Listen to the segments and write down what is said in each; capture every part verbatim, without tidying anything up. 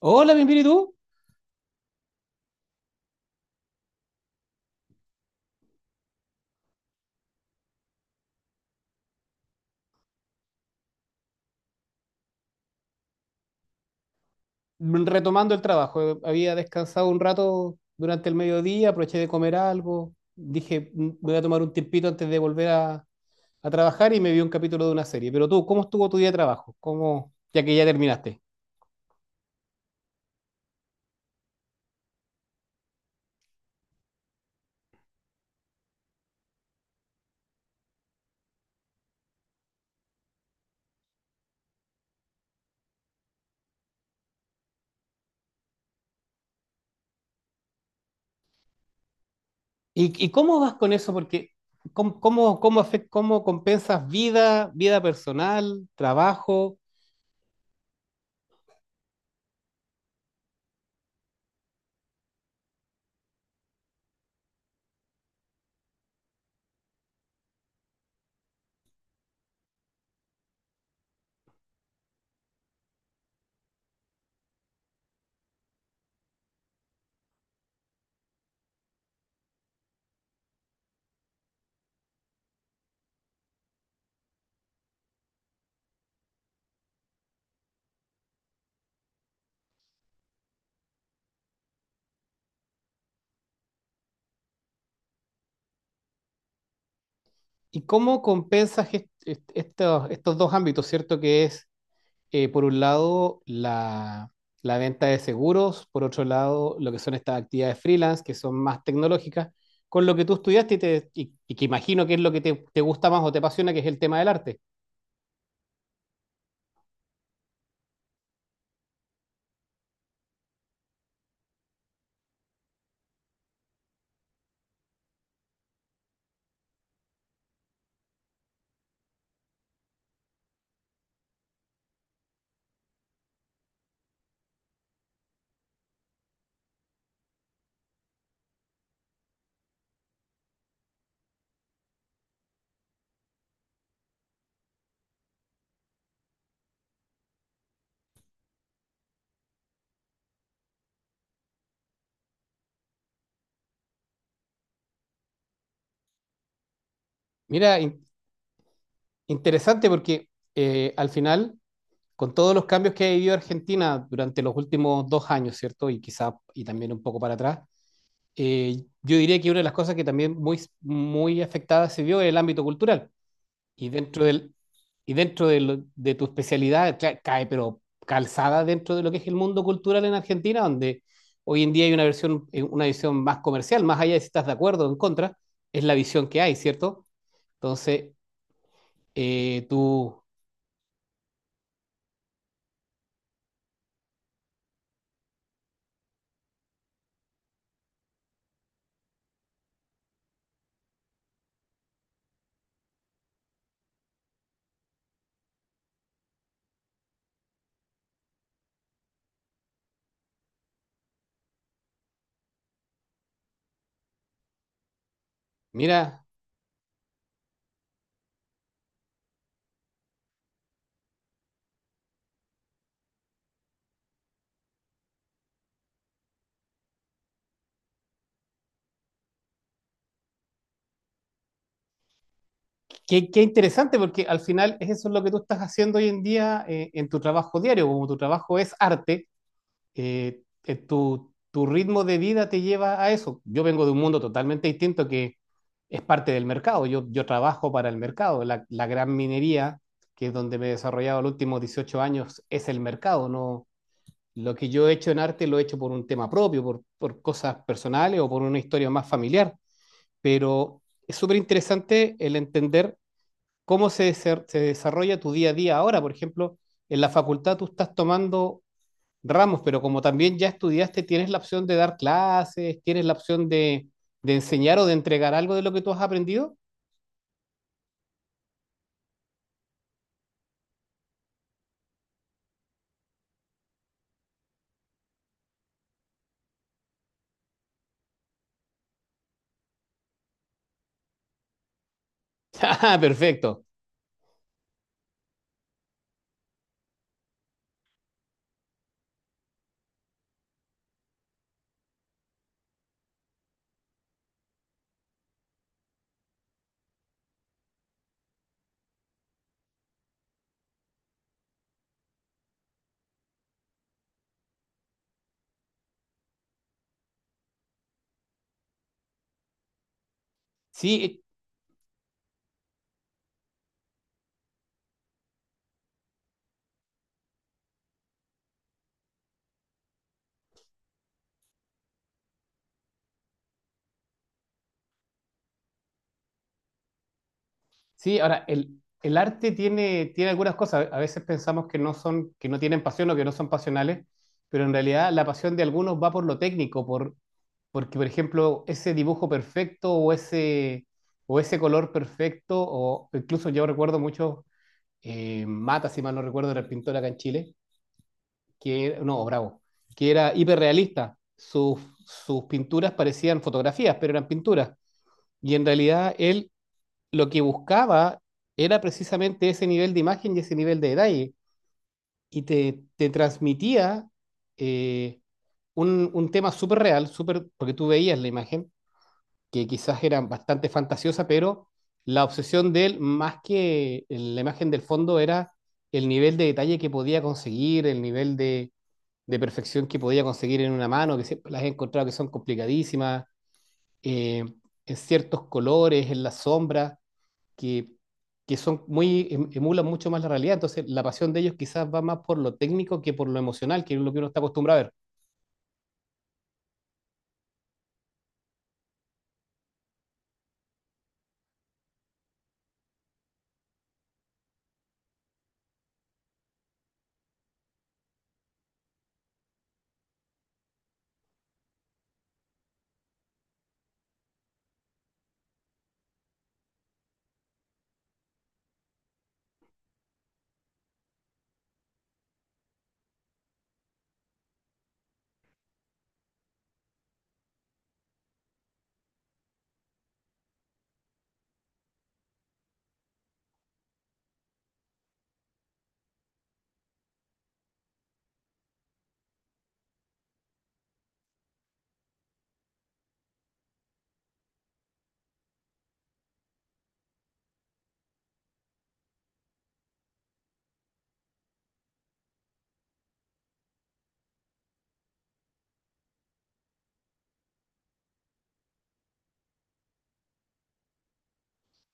Hola, bien, bien, ¿y tú? Mm, Retomando el trabajo. Había descansado un rato durante el mediodía, aproveché de comer algo. Dije, "Mm, voy a tomar un tiempito antes de volver a, a trabajar y me vi un capítulo de una serie." Pero tú, ¿cómo estuvo tu día de trabajo? ¿Cómo, ya que ya terminaste? ¿Y, y cómo vas con eso? Porque, ¿cómo, cómo, cómo afec- ¿cómo compensas vida, vida personal, trabajo? ¿Y cómo compensas est- est- estos, estos dos ámbitos, cierto? Que es eh, por un lado, la, la venta de seguros, por otro lado, lo que son estas actividades freelance, que son más tecnológicas, con lo que tú estudiaste y, te- y- y que imagino que es lo que te, te gusta más o te apasiona, que es el tema del arte. Mira, in- Interesante porque eh, al final, con todos los cambios que ha vivido Argentina durante los últimos dos años, ¿cierto? Y quizá, y también un poco para atrás, eh, yo diría que una de las cosas que también muy, muy afectada se vio es el ámbito cultural. Y dentro del, y dentro de, lo- de tu especialidad tra- cae, pero calzada dentro de lo que es el mundo cultural en Argentina, donde hoy en día hay una versión, eh, una visión más comercial, más allá de si estás de acuerdo o en contra, es la visión que hay, ¿cierto? Entonces, eh, tú, mira, qué, qué interesante, porque al final eso es lo que tú estás haciendo hoy en día, eh, en tu trabajo diario, como tu trabajo es arte. Eh, eh, tu, tu ritmo de vida te lleva a eso. Yo vengo de un mundo totalmente distinto que es parte del mercado. Yo, yo trabajo para el mercado. La, la gran minería, que es donde me he desarrollado los últimos dieciocho años, es el mercado. No, lo que yo he hecho en arte lo he hecho por un tema propio, por, por cosas personales o por una historia más familiar. Pero es súper interesante el entender cómo se, se desarrolla tu día a día ahora. Por ejemplo, en la facultad tú estás tomando ramos, pero como también ya estudiaste, tienes la opción de dar clases, tienes la opción de, de enseñar o de entregar algo de lo que tú has aprendido. Ah, perfecto. Sí, sí, ahora el, el arte tiene, tiene algunas cosas. A veces pensamos que no son, que no tienen pasión o que no son pasionales, pero en realidad la pasión de algunos va por lo técnico, por, porque, por ejemplo, ese dibujo perfecto o ese, o ese color perfecto, o incluso yo recuerdo mucho, eh, Mata, si mal no recuerdo, era el pintor acá en Chile, que, no, Bravo, que era hiperrealista. Sus, sus pinturas parecían fotografías, pero eran pinturas. Y en realidad él lo que buscaba era precisamente ese nivel de imagen y ese nivel de detalle. Y te, te transmitía eh, un, un tema súper real, súper, porque tú veías la imagen, que quizás era bastante fantasiosa, pero la obsesión de él, más que la imagen del fondo, era el nivel de detalle que podía conseguir, el nivel de, de perfección que podía conseguir en una mano, que siempre las he encontrado que son complicadísimas, eh, en ciertos colores, en las sombras, que, que son muy, em- emulan mucho más la realidad. Entonces, la pasión de ellos quizás va más por lo técnico que por lo emocional, que es lo que uno está acostumbrado a ver.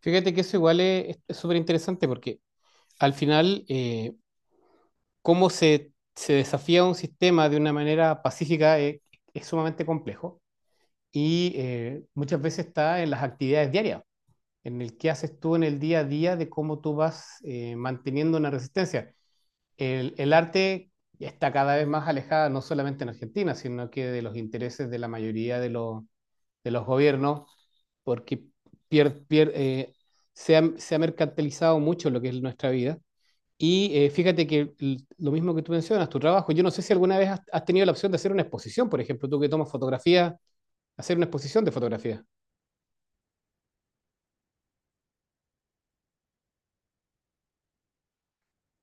Fíjate que eso igual es súper interesante porque al final, eh, cómo se, se desafía un sistema de una manera pacífica eh, es sumamente complejo y, eh, muchas veces está en las actividades diarias, en el que haces tú en el día a día de cómo tú vas eh, manteniendo una resistencia. El, el arte está cada vez más alejada, no solamente en Argentina, sino que de los intereses de la mayoría de, los de los gobiernos, porque pier- pier- eh, se ha, se ha mercantilizado mucho lo que es nuestra vida y, eh, fíjate que l- lo mismo que tú mencionas, tu trabajo, yo no sé si alguna vez has, has tenido la opción de hacer una exposición, por ejemplo, tú que tomas fotografía, hacer una exposición de fotografía.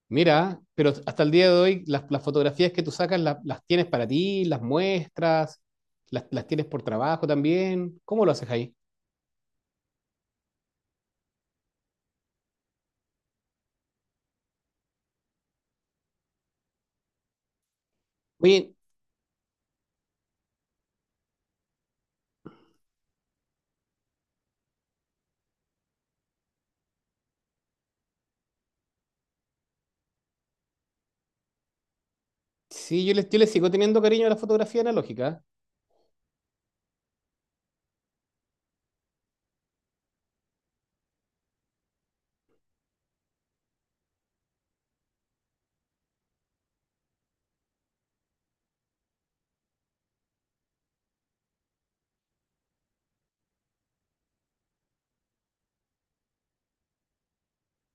Mira, pero hasta el día de hoy las, las fotografías que tú sacas la- las tienes para ti, las muestras, las, las tienes por trabajo también. ¿Cómo lo haces ahí? Oye, sí, yo les, yo le sigo teniendo cariño a la fotografía analógica.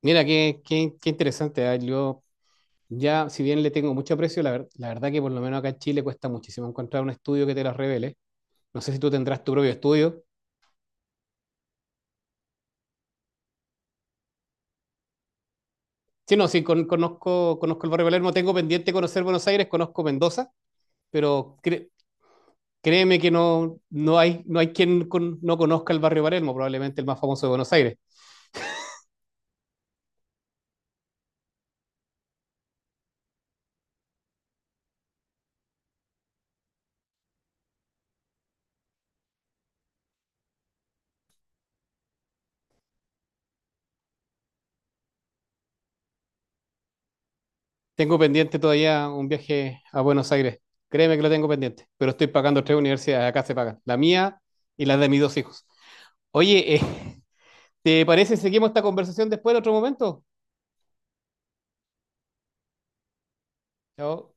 Mira, qué, qué, qué interesante, ¿eh? Yo ya, si bien le tengo mucho aprecio, la, ver- la verdad que por lo menos acá en Chile cuesta muchísimo encontrar un estudio que te las revele. No sé si tú tendrás tu propio estudio. Sí, no, sí, con- conozco, conozco el barrio de Palermo, tengo pendiente conocer Buenos Aires, conozco Mendoza, pero cre- créeme que no, no hay, no hay quien con- no conozca el barrio de Palermo, probablemente el más famoso de Buenos Aires. Tengo pendiente todavía un viaje a Buenos Aires, créeme que lo tengo pendiente, pero estoy pagando tres universidades, acá se pagan, la mía y la de mis dos hijos. Oye, eh, ¿te parece si seguimos esta conversación después en otro momento? Chao.